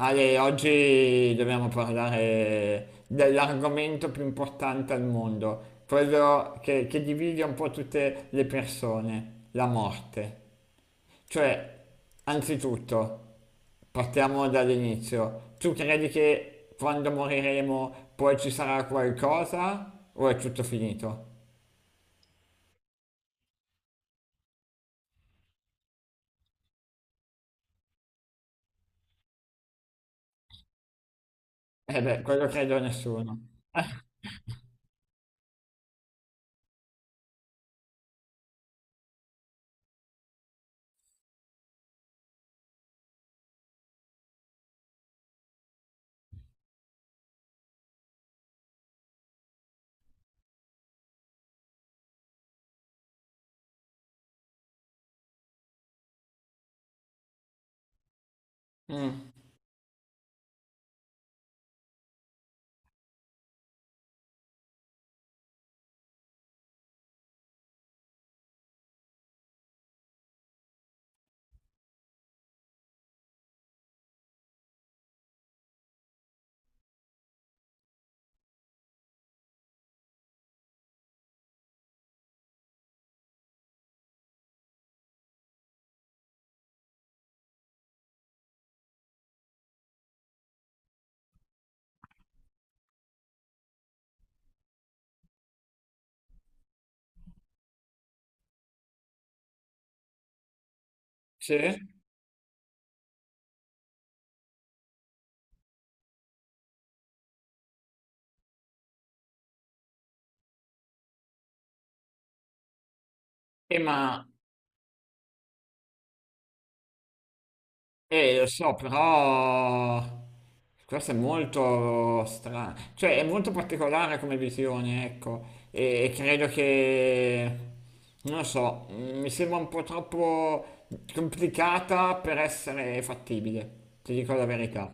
Ale, oggi dobbiamo parlare dell'argomento più importante al mondo, quello che divide un po' tutte le persone, la morte. Cioè, anzitutto, partiamo dall'inizio. Tu credi che quando moriremo poi ci sarà qualcosa o è tutto finito? Eh beh, quello credo a nessuno. Mm. Sì? E ma. Lo so, però questo è molto strano, cioè è molto particolare come visione, ecco, e credo che, non lo so, mi sembra un po' troppo complicata per essere fattibile, ti dico la verità.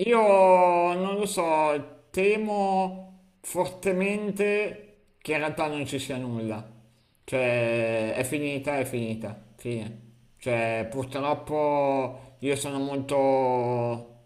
Io non lo so, temo fortemente che in realtà non ci sia nulla. Cioè, è finita, fine. Cioè, purtroppo io sono molto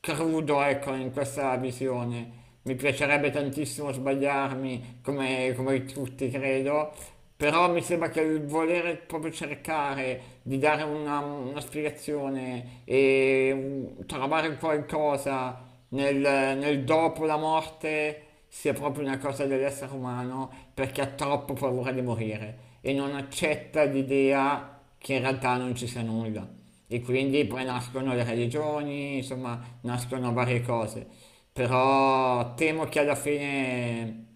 crudo, ecco, in questa visione. Mi piacerebbe tantissimo sbagliarmi, come tutti credo, però mi sembra che il volere proprio cercare di dare una spiegazione e trovare un qualcosa nel dopo la morte sia proprio una cosa dell'essere umano perché ha troppo paura di morire e non accetta l'idea che in realtà non ci sia nulla. E quindi poi nascono le religioni, insomma, nascono varie cose. Però temo che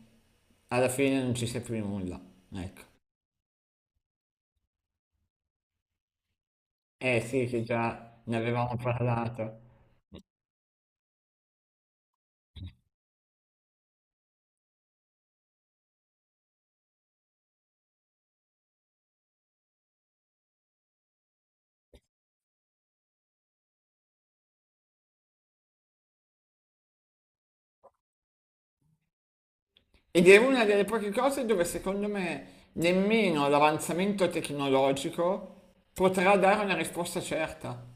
alla fine non ci sia più nulla. Ecco. Eh sì, che già ne avevamo parlato. Ed è una delle poche cose dove secondo me nemmeno l'avanzamento tecnologico potrà dare una risposta certa.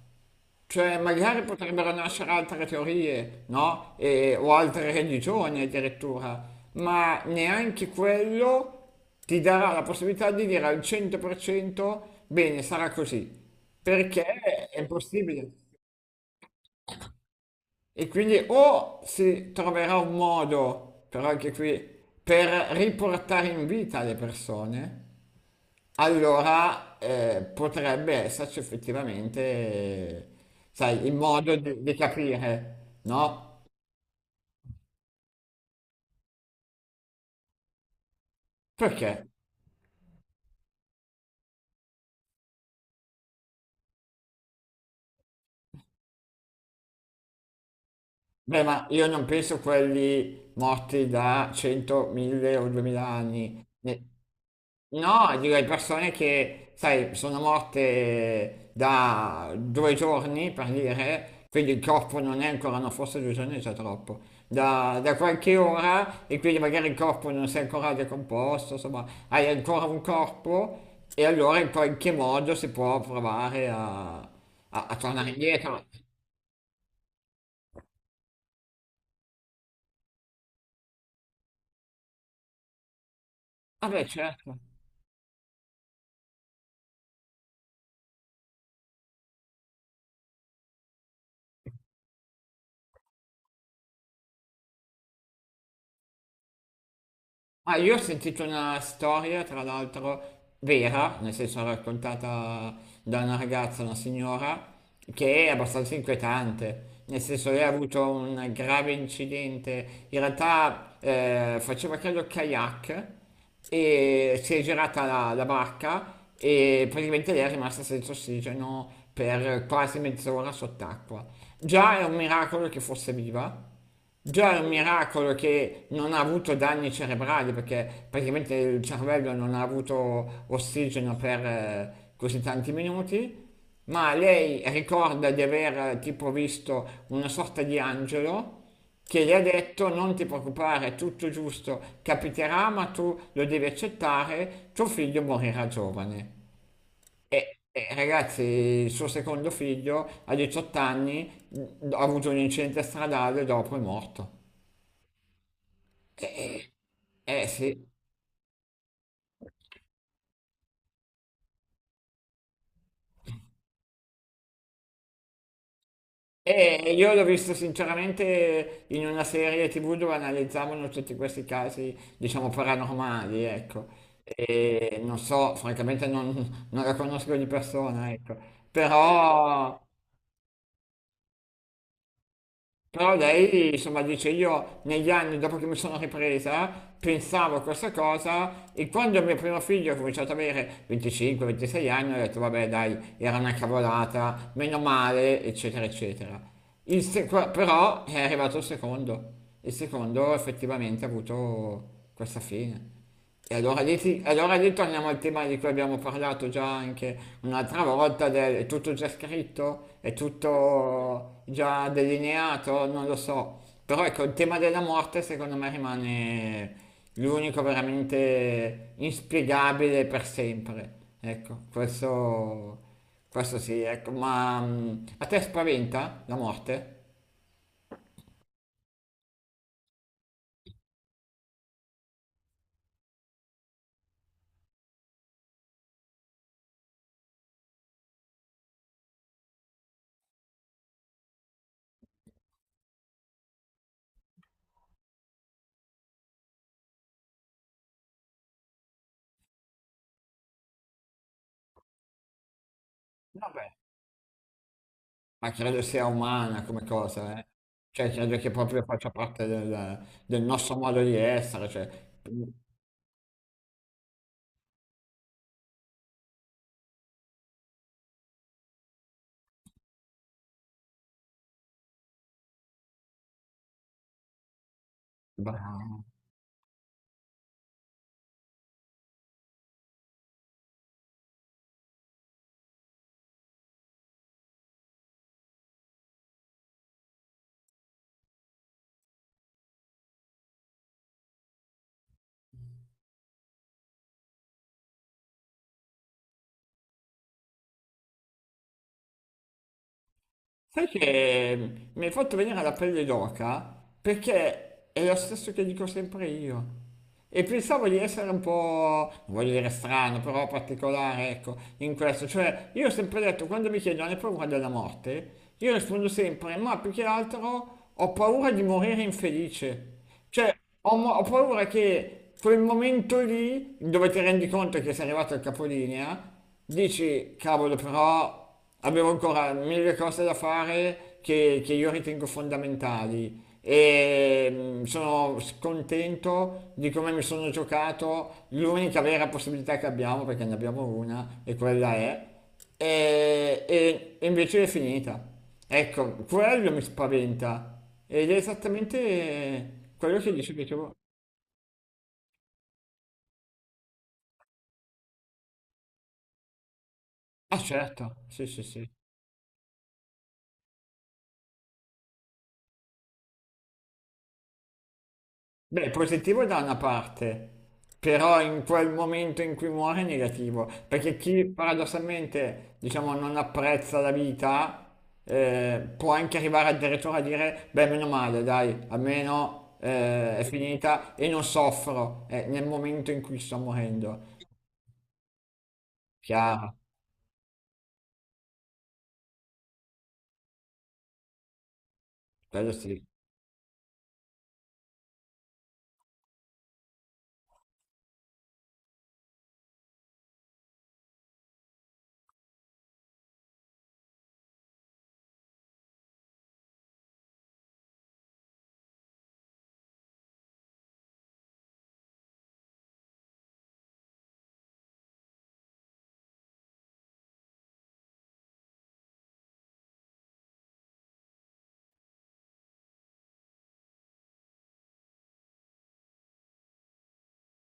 Cioè, magari potrebbero nascere altre teorie, no? O altre religioni addirittura, ma neanche quello ti darà la possibilità di dire al 100% bene, sarà così, perché è impossibile. E quindi o si troverà un modo, però anche qui, per riportare in vita le persone, allora potrebbe esserci effettivamente, sai, il modo di capire, no? Perché? Beh, ma io non penso quelli morti da 100, 1000 o 2000 anni. No, dico, le persone che, sai, sono morte da 2 giorni, per dire, quindi il corpo non è ancora, no, forse 2 giorni è già troppo, da qualche ora e quindi magari il corpo non si è ancora decomposto, insomma, hai ancora un corpo e allora in qualche modo si può provare a tornare indietro. Vabbè, certo. Ah, io ho sentito una storia, tra l'altro, vera, nel senso raccontata da una ragazza, una signora, che è abbastanza inquietante. Nel senso, lei ha avuto un grave incidente. In realtà, faceva credo kayak e si è girata la barca e praticamente lei è rimasta senza ossigeno per quasi mezz'ora sott'acqua. Già è un miracolo che fosse viva. Già è un miracolo che non ha avuto danni cerebrali perché praticamente il cervello non ha avuto ossigeno per così tanti minuti, ma lei ricorda di aver tipo visto una sorta di angelo che gli ha detto non ti preoccupare, è tutto giusto, capiterà, ma tu lo devi accettare, tuo figlio morirà giovane. Ragazzi, il suo secondo figlio a 18 anni ha avuto un incidente stradale, dopo è morto. Eh, sì, e io l'ho visto sinceramente in una serie TV dove analizzavano tutti questi casi, diciamo, paranormali, ecco. E non so, francamente non la conosco di persona, ecco. Però. Però lei, insomma, dice io negli anni dopo che mi sono ripresa pensavo a questa cosa e quando mio primo figlio ha cominciato ad avere 25-26 anni ho detto vabbè dai, era una cavolata, meno male, eccetera, eccetera. Il se- qua- però è arrivato il secondo. Il secondo effettivamente ha avuto questa fine. E allora lì torniamo al tema di cui abbiamo parlato già anche un'altra volta, del, è tutto già scritto, è tutto già delineato, non lo so. Però ecco, il tema della morte secondo me rimane l'unico veramente inspiegabile per sempre. Ecco, questo sì, ecco, ma a te spaventa la morte? Vabbè. Ma credo sia umana come cosa, eh. Cioè, credo che proprio faccia parte del nostro modo di essere, cioè. Bravo. Sai che mi hai fatto venire la pelle d'oca perché è lo stesso che dico sempre io. E pensavo di essere un po', non voglio dire strano, però particolare, ecco, in questo. Cioè, io ho sempre detto, quando mi chiedono hai paura della morte, io rispondo sempre, ma più che altro ho paura di morire infelice. Cioè, ho paura che quel momento lì, dove ti rendi conto che sei arrivato al capolinea, dici, cavolo, però abbiamo ancora mille cose da fare che io ritengo fondamentali. E sono scontento di come mi sono giocato. L'unica vera possibilità che abbiamo, perché ne abbiamo una, e quella è. E invece è finita. Ecco, quello mi spaventa. Ed è esattamente quello che dicevi tu. Ah, certo, sì, sì, sì. Beh, è positivo da una parte, però in quel momento in cui muore è negativo, perché chi paradossalmente, diciamo, non apprezza la vita, può anche arrivare addirittura a dire, beh, meno male, dai, almeno è finita e non soffro nel momento in cui sto morendo. Chiaro. Quello sì.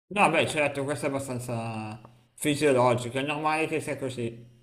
No, beh, certo, questo è abbastanza fisiologico, è normale che sia così.